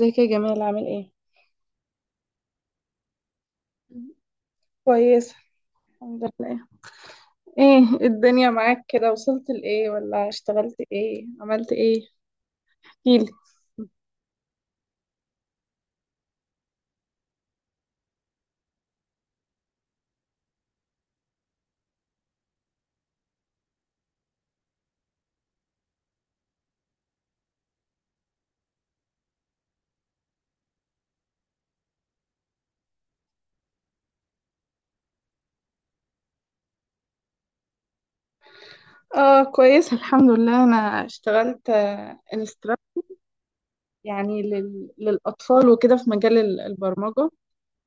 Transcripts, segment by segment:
ازيك يا جمال عامل ايه؟ كويس الحمد لله. ايه الدنيا معاك كده وصلت لإيه ولا اشتغلت ايه؟ عملت ايه؟ احكيلي. اه كويس الحمد لله، انا اشتغلت انستراكتور يعني للأطفال وكده في مجال البرمجة.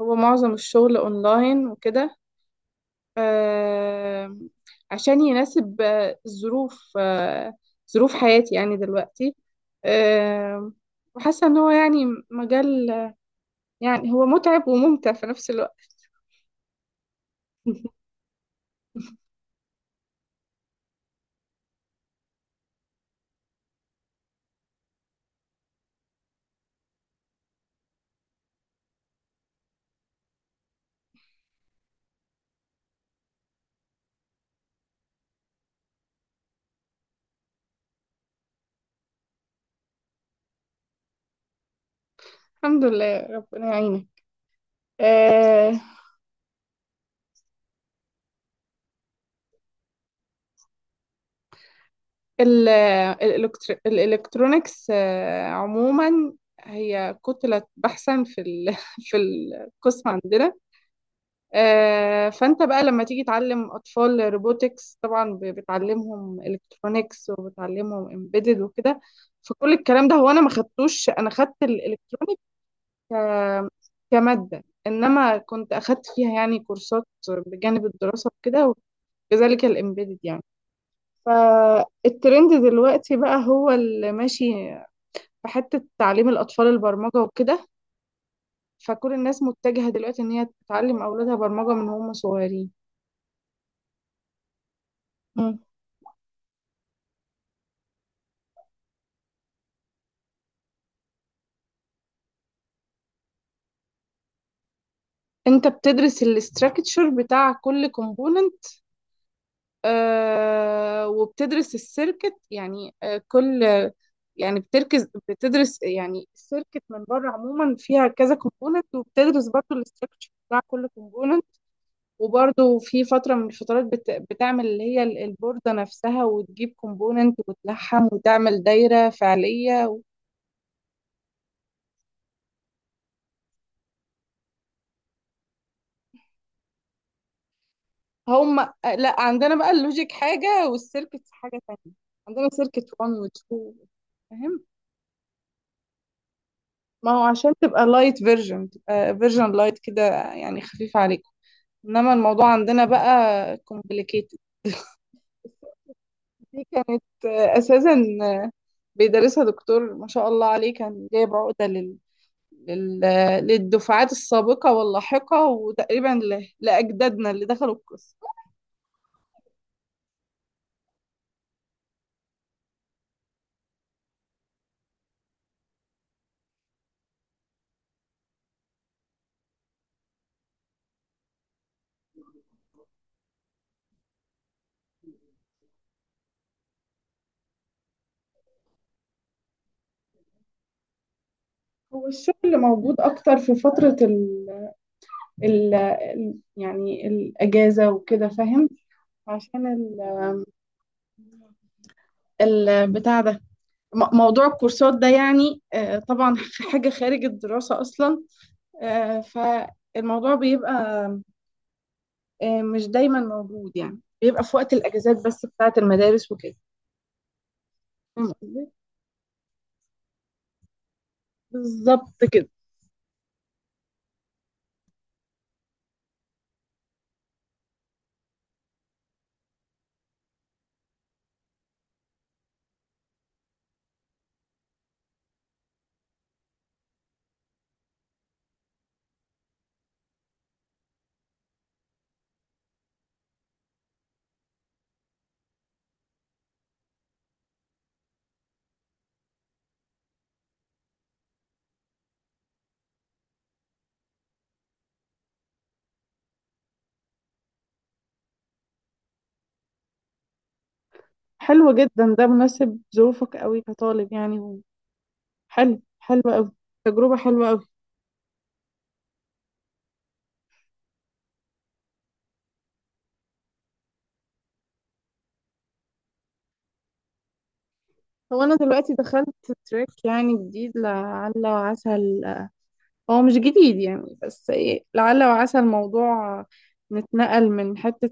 هو معظم الشغل اونلاين وكده. آه... عشان يناسب ظروف ظروف حياتي يعني دلوقتي. آه... وحاسة ان هو يعني مجال، يعني هو متعب وممتع في نفس الوقت. الحمد لله ربنا يعينك. آه، ال- الإلكترونيكس آه عموما هي كتلة بحثا في في القسم عندنا. آه فأنت بقى لما تيجي تعلم أطفال روبوتكس طبعا بتعلمهم إلكترونيكس وبتعلمهم امبيدد وكده. فكل الكلام ده هو أنا ما خدتوش، أنا خدت الإلكترونيكس ك- كمادة، إنما كنت أخدت فيها يعني كورسات بجانب الدراسة وكده، وكذلك الإمبيدد يعني. فالترند دلوقتي بقى هو اللي ماشي في حتة تعليم الأطفال البرمجة وكده، فكل الناس متجهة دلوقتي إن هي تعلم أولادها برمجة من هم صغيرين. مم. انت بتدرس الاستراكتشر بتاع كل كومبوننت، آه وبتدرس السيركت يعني آه كل، يعني بتركز بتدرس يعني السيركت من بره عموما فيها كذا كومبوننت، وبتدرس برضو الاستراكشر بتاع كل كومبوننت. وبرضو في فترة من الفترات بتعمل اللي هي البوردة نفسها وتجيب كومبوننت وتلحم وتعمل دايرة فعلية. هم. لا عندنا بقى اللوجيك حاجة والسيركت حاجة تانية، عندنا سيركت 1 و 2. فاهم، ما هو عشان تبقى لايت فيرجن، تبقى فيرجن لايت كده، يعني خفيف عليكم، انما الموضوع عندنا بقى complicated. دي كانت اساسا بيدرسها دكتور ما شاء الله عليه، كان جايب عقده لل... لل... آه، للدفعات السابقه واللاحقه، وتقريبا لاجدادنا اللي دخلوا القسم. هو الشغل موجود اكتر في فترة يعني الاجازة وكده، فاهم؟ عشان بتاع ده، موضوع الكورسات ده يعني طبعا حاجة خارج الدراسة اصلا. فالموضوع بيبقى مش دايما موجود، يعني بيبقى في وقت الاجازات بس بتاعه المدارس وكده. فاهم قصدي؟ بالظبط كده. حلو جدا، ده مناسب ظروفك قوي كطالب يعني حلو حلو قوي، تجربة حلوة قوي. هو انا دلوقتي دخلت تراك يعني جديد، لعل وعسى هو مش جديد يعني، بس ايه لعل وعسى الموضوع نتنقل من حتة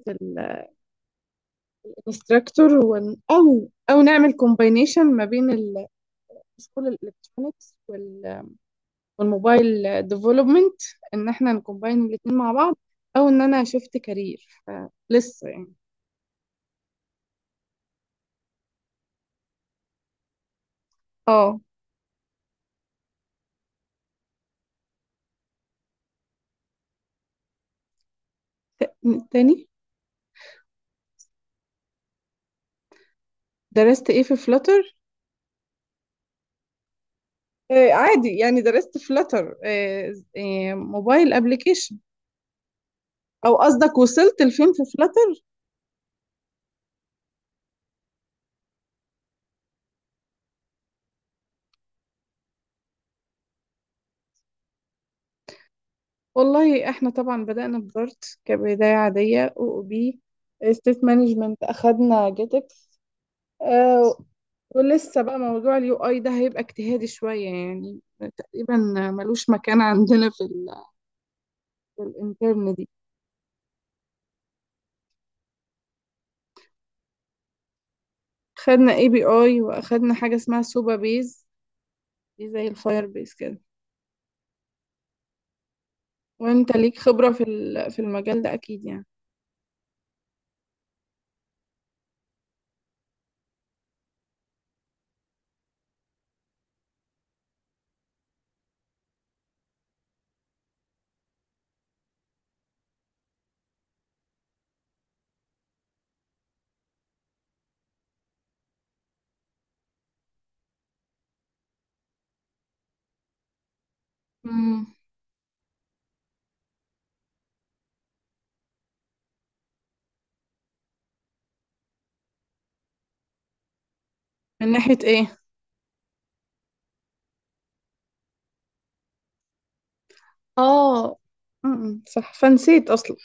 الانستراكتور او نعمل كومباينيشن ما بين السكول الالكترونيكس والموبايل ديفلوبمنت، ان احنا نكومباين الاتنين مع بعض، او ان انا شفت كارير فلسه يعني. اه. تاني. درست ايه في فلاتر؟ آه عادي يعني، درست فلاتر آه آه موبايل ابلكيشن. او قصدك وصلت لفين في فلاتر؟ والله احنا طبعا بدأنا بدارت كبداية عادية، او بي ستيت مانجمنت اخدنا جيتكس. آه ولسه بقى موضوع اليو اي ده هيبقى اجتهادي شوية يعني، تقريبا ملوش مكان عندنا في ال الانترن دي. خدنا اي بي اي واخدنا حاجه اسمها سوبا بيز، دي زي الفاير بيز كده. وانت ليك خبره في في المجال ده اكيد يعني. مم. من ناحيه ايه؟ اه مم. صح، فنسيت اصلا.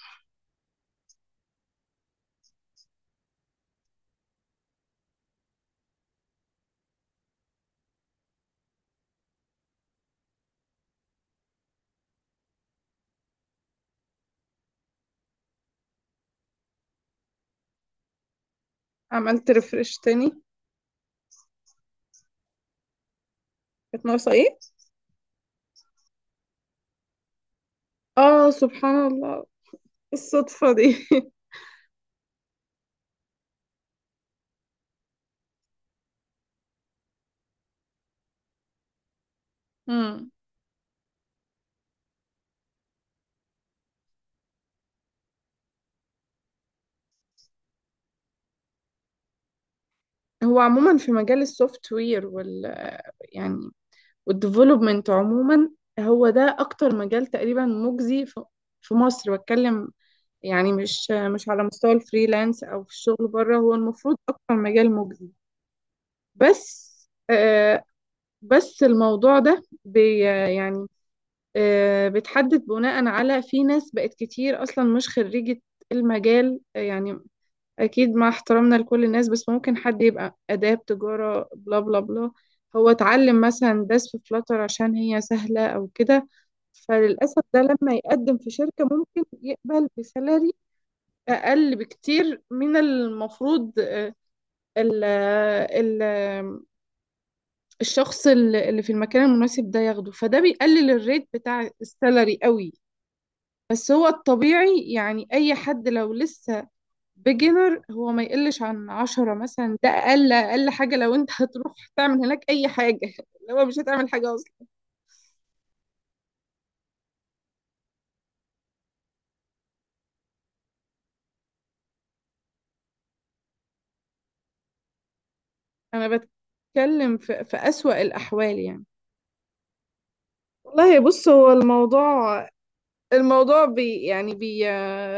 عملت ريفرش تاني؟ كانت ناقصه ايه؟ اه سبحان الله، الصدفه دي مم. هو عموما في مجال السوفت وير وال، يعني والديفلوبمنت عموما، هو ده اكتر مجال تقريبا مجزي في في مصر بتكلم، يعني مش مش على مستوى الفريلانس او في الشغل بره، هو المفروض اكتر مجال مجزي بس. آه بس الموضوع ده بي، يعني آه بتحدد بناء على، في ناس بقت كتير اصلا مش خريجة المجال يعني اكيد مع احترامنا لكل الناس، بس ممكن حد يبقى اداب تجارة بلا بلا بلا، هو اتعلم مثلا داس في فلاتر عشان هي سهلة او كده، فللأسف ده لما يقدم في شركة ممكن يقبل بسالري أقل بكتير من المفروض. ال ال الشخص اللي في المكان المناسب ده ياخده، فده بيقلل الريت بتاع السالري قوي. بس هو الطبيعي يعني أي حد لو لسه بيجنر، هو ما يقلش عن 10 مثلا، ده أقل أقل حاجة لو أنت هتروح تعمل هناك أي حاجة لو مش هتعمل حاجة أصلا. أنا بتكلم في أسوأ الأحوال يعني. والله بص هو الموضوع، الموضوع بي يعني بي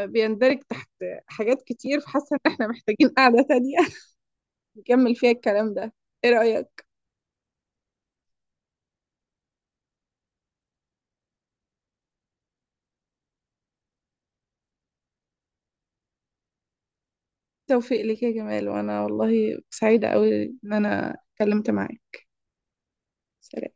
بيندرج تحت حاجات كتير، فحاسة ان احنا محتاجين قعدة تانية نكمل فيها الكلام ده. ايه رأيك؟ توفيق لك يا جمال، وانا والله سعيدة قوي ان انا اتكلمت معاك. سلام.